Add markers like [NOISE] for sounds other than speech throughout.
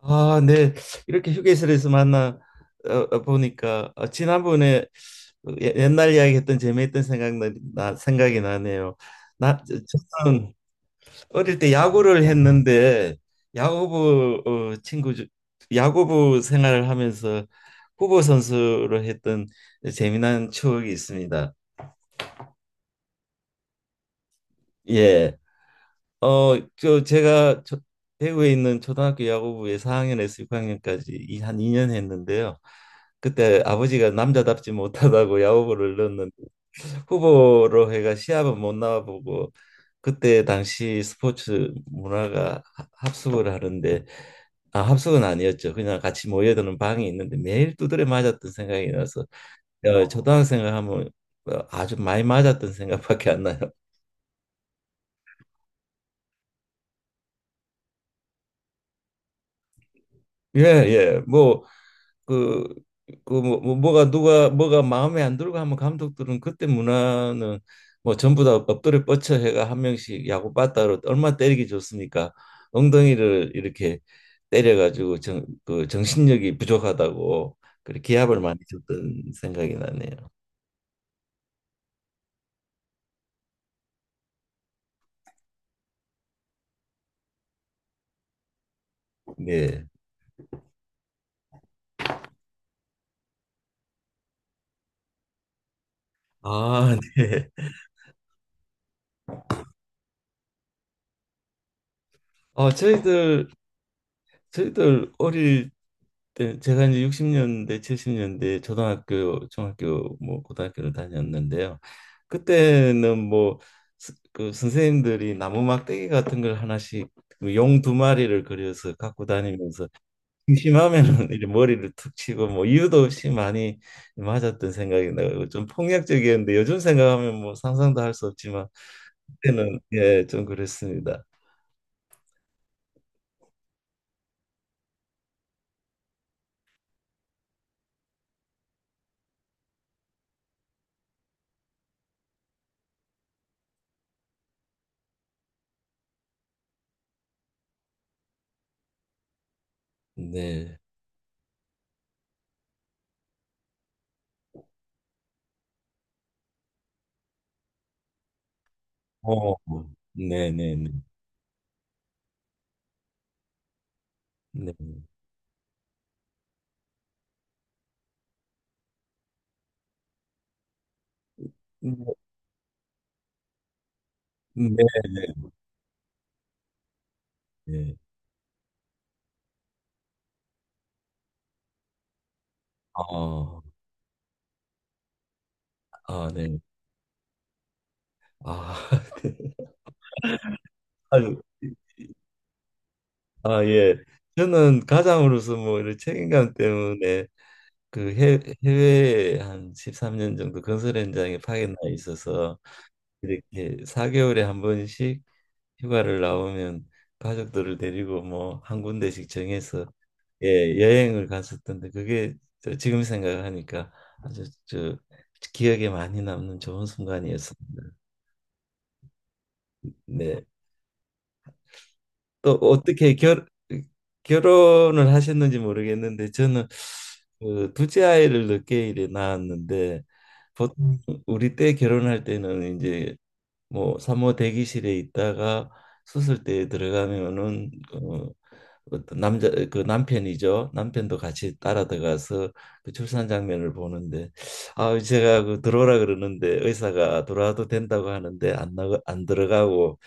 아, 네. 이렇게 휴게실에서 만나 보니까 지난번에 옛날 이야기했던 재미있던 생각이 나네요. 나 저- 저는 어릴 때 야구를 했는데 야구부 어, 친구 중- 야구부 생활을 하면서 후보 선수로 했던 재미난 추억이 있습니다. 예. 제가 대구에 있는 초등학교 야구부에 4학년에서 6학년까지 이 한 2년 했는데요. 그때 아버지가 남자답지 못하다고 [LAUGHS] 야구부를 넣는 후보로 해가 시합은 못 나와보고 그때 당시 스포츠 문화가 합숙을 하는데 아, 합숙은 아니었죠. 그냥 같이 모여드는 방이 있는데 매일 두드려 맞았던 생각이 나서 초등학생을 하면 아주 많이 맞았던 생각밖에 안 나요. [LAUGHS] 예, 예. 뭐 그 뭐가 마음에 안 들고 하면 감독들은 그때 문화는 뭐 전부 다 엎드려 뻗쳐 해가 한 명씩 야구 빠따로 얼마 때리기 좋습니까? 엉덩이를 이렇게 때려가지고 그 정신력이 부족하다고 그렇게 기합을 많이 줬던 생각이 나네요. 네. 아, 네. 저희들 저희들 어릴 네, 제가 이제 60년대, 70년대 초등학교, 중학교, 뭐 고등학교를 다녔는데요. 그때는 뭐 그 선생님들이 나무 막대기 같은 걸 하나씩 뭐 용두 마리를 그려서 갖고 다니면서 심하면은 [LAUGHS] 이제 머리를 툭 치고 뭐 이유도 없이 많이 맞았던 생각이 나고 좀 폭력적이었는데 요즘 생각하면 뭐 상상도 할 수 없지만 그때는 예, 좀 그랬습니다. 네. 어, 네, 네, 네. 네. 네, 네. 네. 아, 아, 네. 아, [LAUGHS] 아유, 아, 예. 저는 가장으로서 뭐 이런 책임감 때문에 그 해, 해외에 한 13년 정도 건설 현장에 파견 나 있어서 이렇게 4개월에 한 번씩 휴가를 나오면 가족들을 데리고 뭐 한 군데씩 정해서 예, 여행을 갔었던데 그게 저 지금 생각하니까 아주 저 기억에 많이 남는 좋은 순간이었습니다. 네. 또 어떻게 결 결혼을 하셨는지 모르겠는데 저는 그 둘째 아이를 늦게 이제 낳았는데 보통 우리 때 결혼할 때는 이제 뭐 산모 대기실에 있다가 수술대에 들어가면은 어떤 남자 그 남편이죠. 남편도 같이 따라 들어가서 그 출산 장면을 보는데 아 제가 그 들어오라 그러는데 의사가 들어와도 된다고 하는데 안 나가 안 들어가고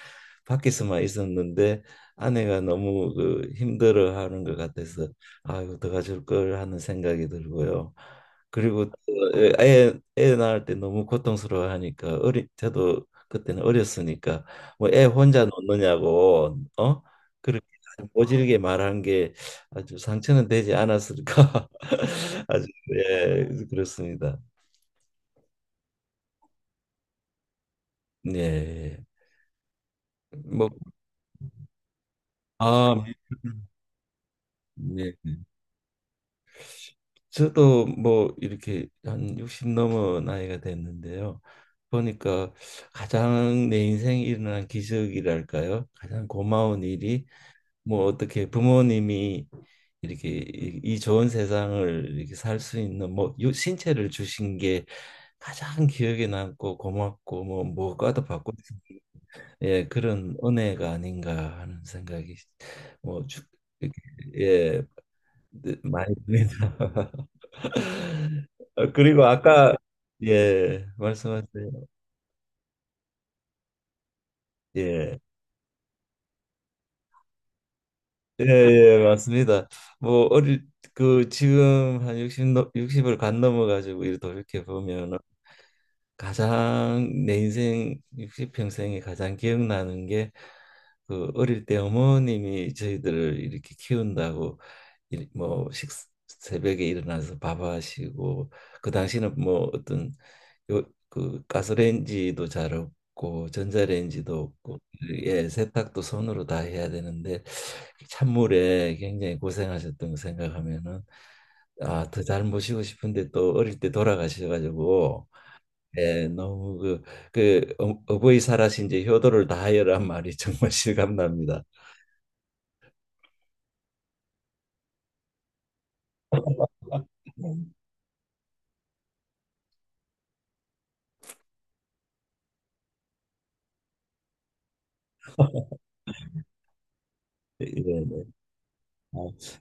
밖에서만 있었는데 아내가 너무 그 힘들어하는 것 같아서 아이고 들어가줄 걸 하는 생각이 들고요. 그리고 예, 애 낳을 때 너무 고통스러워하니까 어리 저도 그때는 어렸으니까 뭐 애 혼자 놓느냐고 그렇게 아주 모질게 말한 게 아주 상처는 되지 않았을까 [LAUGHS] 아주 예 그렇습니다 예뭐아 네. 저도 뭐 이렇게 한 60 넘은 나이가 됐는데요. 보니까 가장 내 인생에 일어난 기적이랄까요? 가장 고마운 일이 뭐 어떻게 부모님이 이렇게 이 좋은 세상을 이렇게 살 수 있는 뭐 신체를 주신 게 가장 기억에 남고 고맙고 뭐 무엇과도 바꿀 수 없는, 예 그런 은혜가 아닌가 하는 생각이 뭐 이렇게, 예 네, 많이 듭니다. [LAUGHS] 그리고 아까 예 말씀하세요. 예. 예, 예, 맞습니다. 뭐 어릴 그 지금 한 60, 육십을 간 넘어가지고 이렇게 돌이켜 보면 가장 내 인생 60평생에 가장 기억나는 게 그 어릴 때 어머님이 저희들을 이렇게 키운다고 뭐 새벽에 일어나서 밥 하시고 그 당시는 뭐 어떤 요, 그 가스레인지도 잘 없고 전자레인지도 없고 예 세탁도 손으로 다 해야 되는데 찬물에 굉장히 고생하셨던 거 생각하면은 아 더 잘 모시고 싶은데 또 어릴 때 돌아가셔가지고 예, 너무 그 어버이 살아신 이제 효도를 다하여란 말이 [LAUGHS] 정말 실감납니다. 네. [LAUGHS] 예, 네. 네. 아,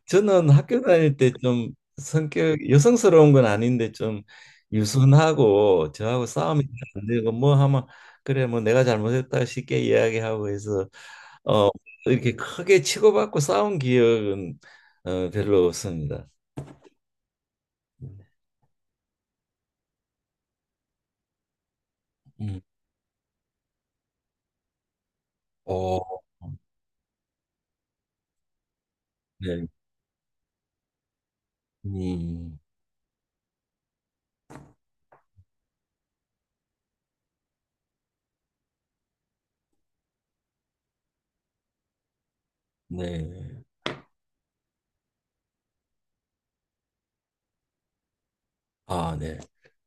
저는 학교 다닐 때 좀 성격 여성스러운 건 아닌데 좀 유순하고 저하고 싸움이 잘안 되고 뭐 하면 그래 뭐 내가 잘못했다 쉽게 이야기하고 해서 어 이렇게 크게 치고받고 싸운 기억은 별로 없습니다. 음. 오, 네. 음. 네. 아, 네.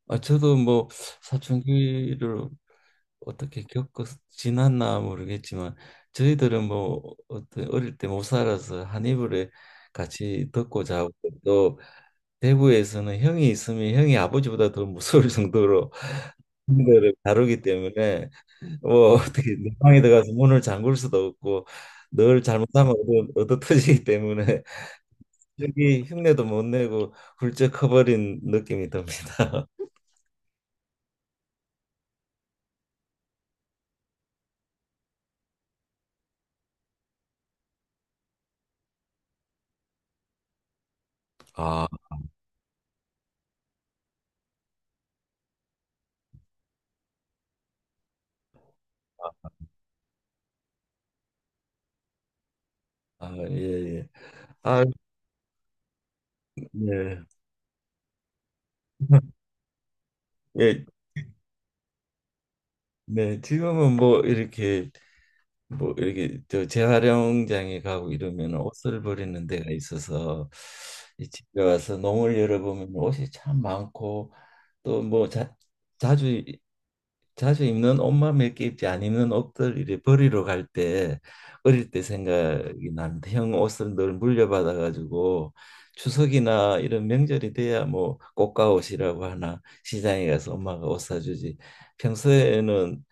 아, 저도 뭐 사춘기를 어떻게 겪어 지났나 모르겠지만 저희들은 뭐 어떤 어릴 때 못 살아서 한 이불에 같이 덮고 자고 또 대구에서는 형이 있으면 형이 아버지보다 더 무서울 정도로 [LAUGHS] 형들을 다루기 때문에 뭐 어떻게 내 방에 들어가서 문을 잠글 수도 없고 늘 잘못하면 얻어 터지기 때문에 [LAUGHS] 여기 흉내도 못 내고 훌쩍 커버린 느낌이 듭니다. 아, 아, 예, 예. 아, 네. [LAUGHS] 예, 네. 지금은 뭐 이렇게 뭐 이렇게 저 재활용장에 가고 이러면 옷을 버리는 데가 있어서 이 집에 와서 농을 열어보면 옷이 참 많고 또 뭐 자주 자주 입는 옷만 몇 개 입지 안 입는 옷들 이래 버리러 갈 때 어릴 때 생각이 나는데 형 옷을 늘 물려받아 가지고 추석이나 이런 명절이 돼야 뭐 꽃가옷이라고 하나 시장에 가서 엄마가 옷 사주지 평소에는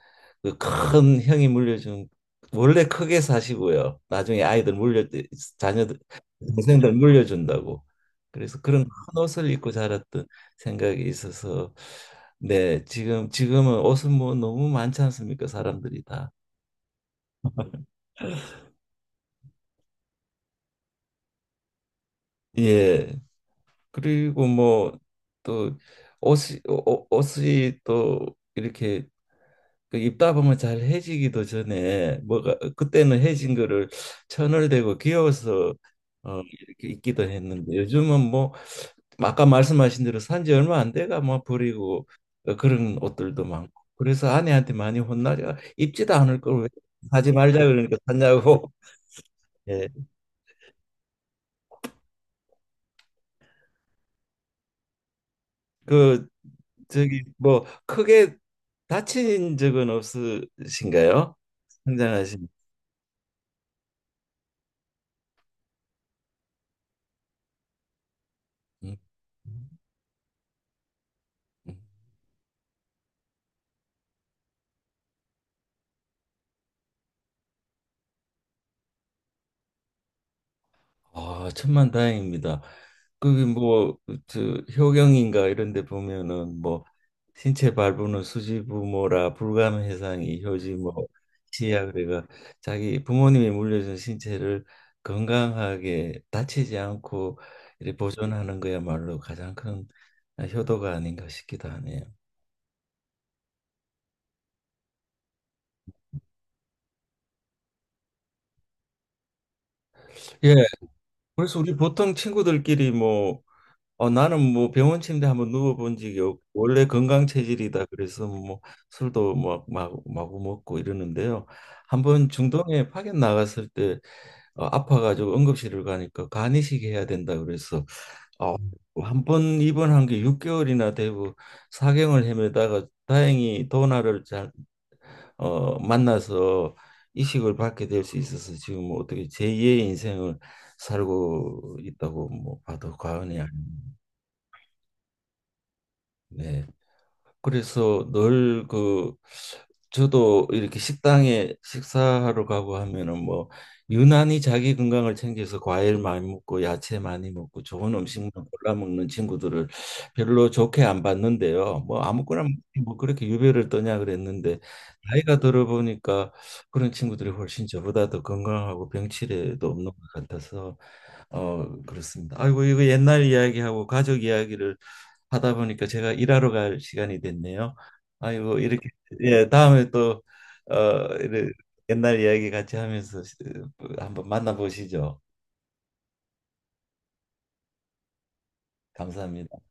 그 큰 형이 물려준 원래 크게 사시고요 나중에 아이들 물려 자녀들 동생들 물려준다고 그래서 그런 큰 옷을 입고 자랐던 생각이 있어서 네, 지금은 옷은 뭐 너무 많지 않습니까? 사람들이 다. 예. 그리고 뭐 또 옷이 또 이렇게 그 입다 보면 잘 해지기도 전에 뭐가 그때는 해진 거를 천을 대고 귀여워서 이렇게 입기도 했는데 요즘은 뭐 아까 말씀하신 대로 산지 얼마 안 돼가 뭐 버리고 그런 옷들도 많고 그래서 아내한테 많이 혼나려 입지도 않을 걸 왜 사지 말자 그러니까 샀냐고 예. 그 저기 뭐 크게 다친 적은 없으신가요? 성장하신. 음. 음. 아, 천만 다행입니다. 그게 뭐저 효경인가 이런 데 보면은 뭐 신체 발부는 수지부모라 불감 해상이 효지 뭐 시야 그래가 자기 부모님이 물려준 신체를 건강하게 다치지 않고 이렇게 보존하는 거야말로 가장 큰 효도가 아닌가 싶기도 하네요. 예, 그래서 우리 보통 친구들끼리 뭐, 나는 뭐 병원 침대 한번 누워본 적이 없고, 원래 건강 체질이다. 그래서 뭐 술도 막, 마구 마구 먹고 이러는데요. 한 번 중동에 파견 나갔을 때 아파가지고 응급실을 가니까 간이식 해야 된다. 그래서 어, 한번 입원한 게 6개월이나 되고 사경을 헤매다가 다행히 도나를 잘 만나서 이식을 받게 될 수 있어서 지금 뭐 어떻게 제2의 인생을 살고 있다고 뭐 봐도 과언이 아닙니다. 네. 그래서 늘 그 저도 이렇게 식당에 식사하러 가고 하면은 뭐 유난히 자기 건강을 챙겨서 과일 많이 먹고 야채 많이 먹고 좋은 음식만 골라 먹는 친구들을 별로 좋게 안 봤는데요. 뭐 아무거나 먹지 뭐 그렇게 유별을 떠냐 그랬는데 나이가 들어 보니까 그런 친구들이 훨씬 저보다 더 건강하고 병치레도 없는 것 같아서 그렇습니다. 아이고, 이거 옛날 이야기하고 가족 이야기를 하다 보니까 제가 일하러 갈 시간이 됐네요. 아이고, 이렇게, 예, 다음에 또, 어, 이래- 옛날 이야기 같이 하면서 한번 만나보시죠. 감사합니다.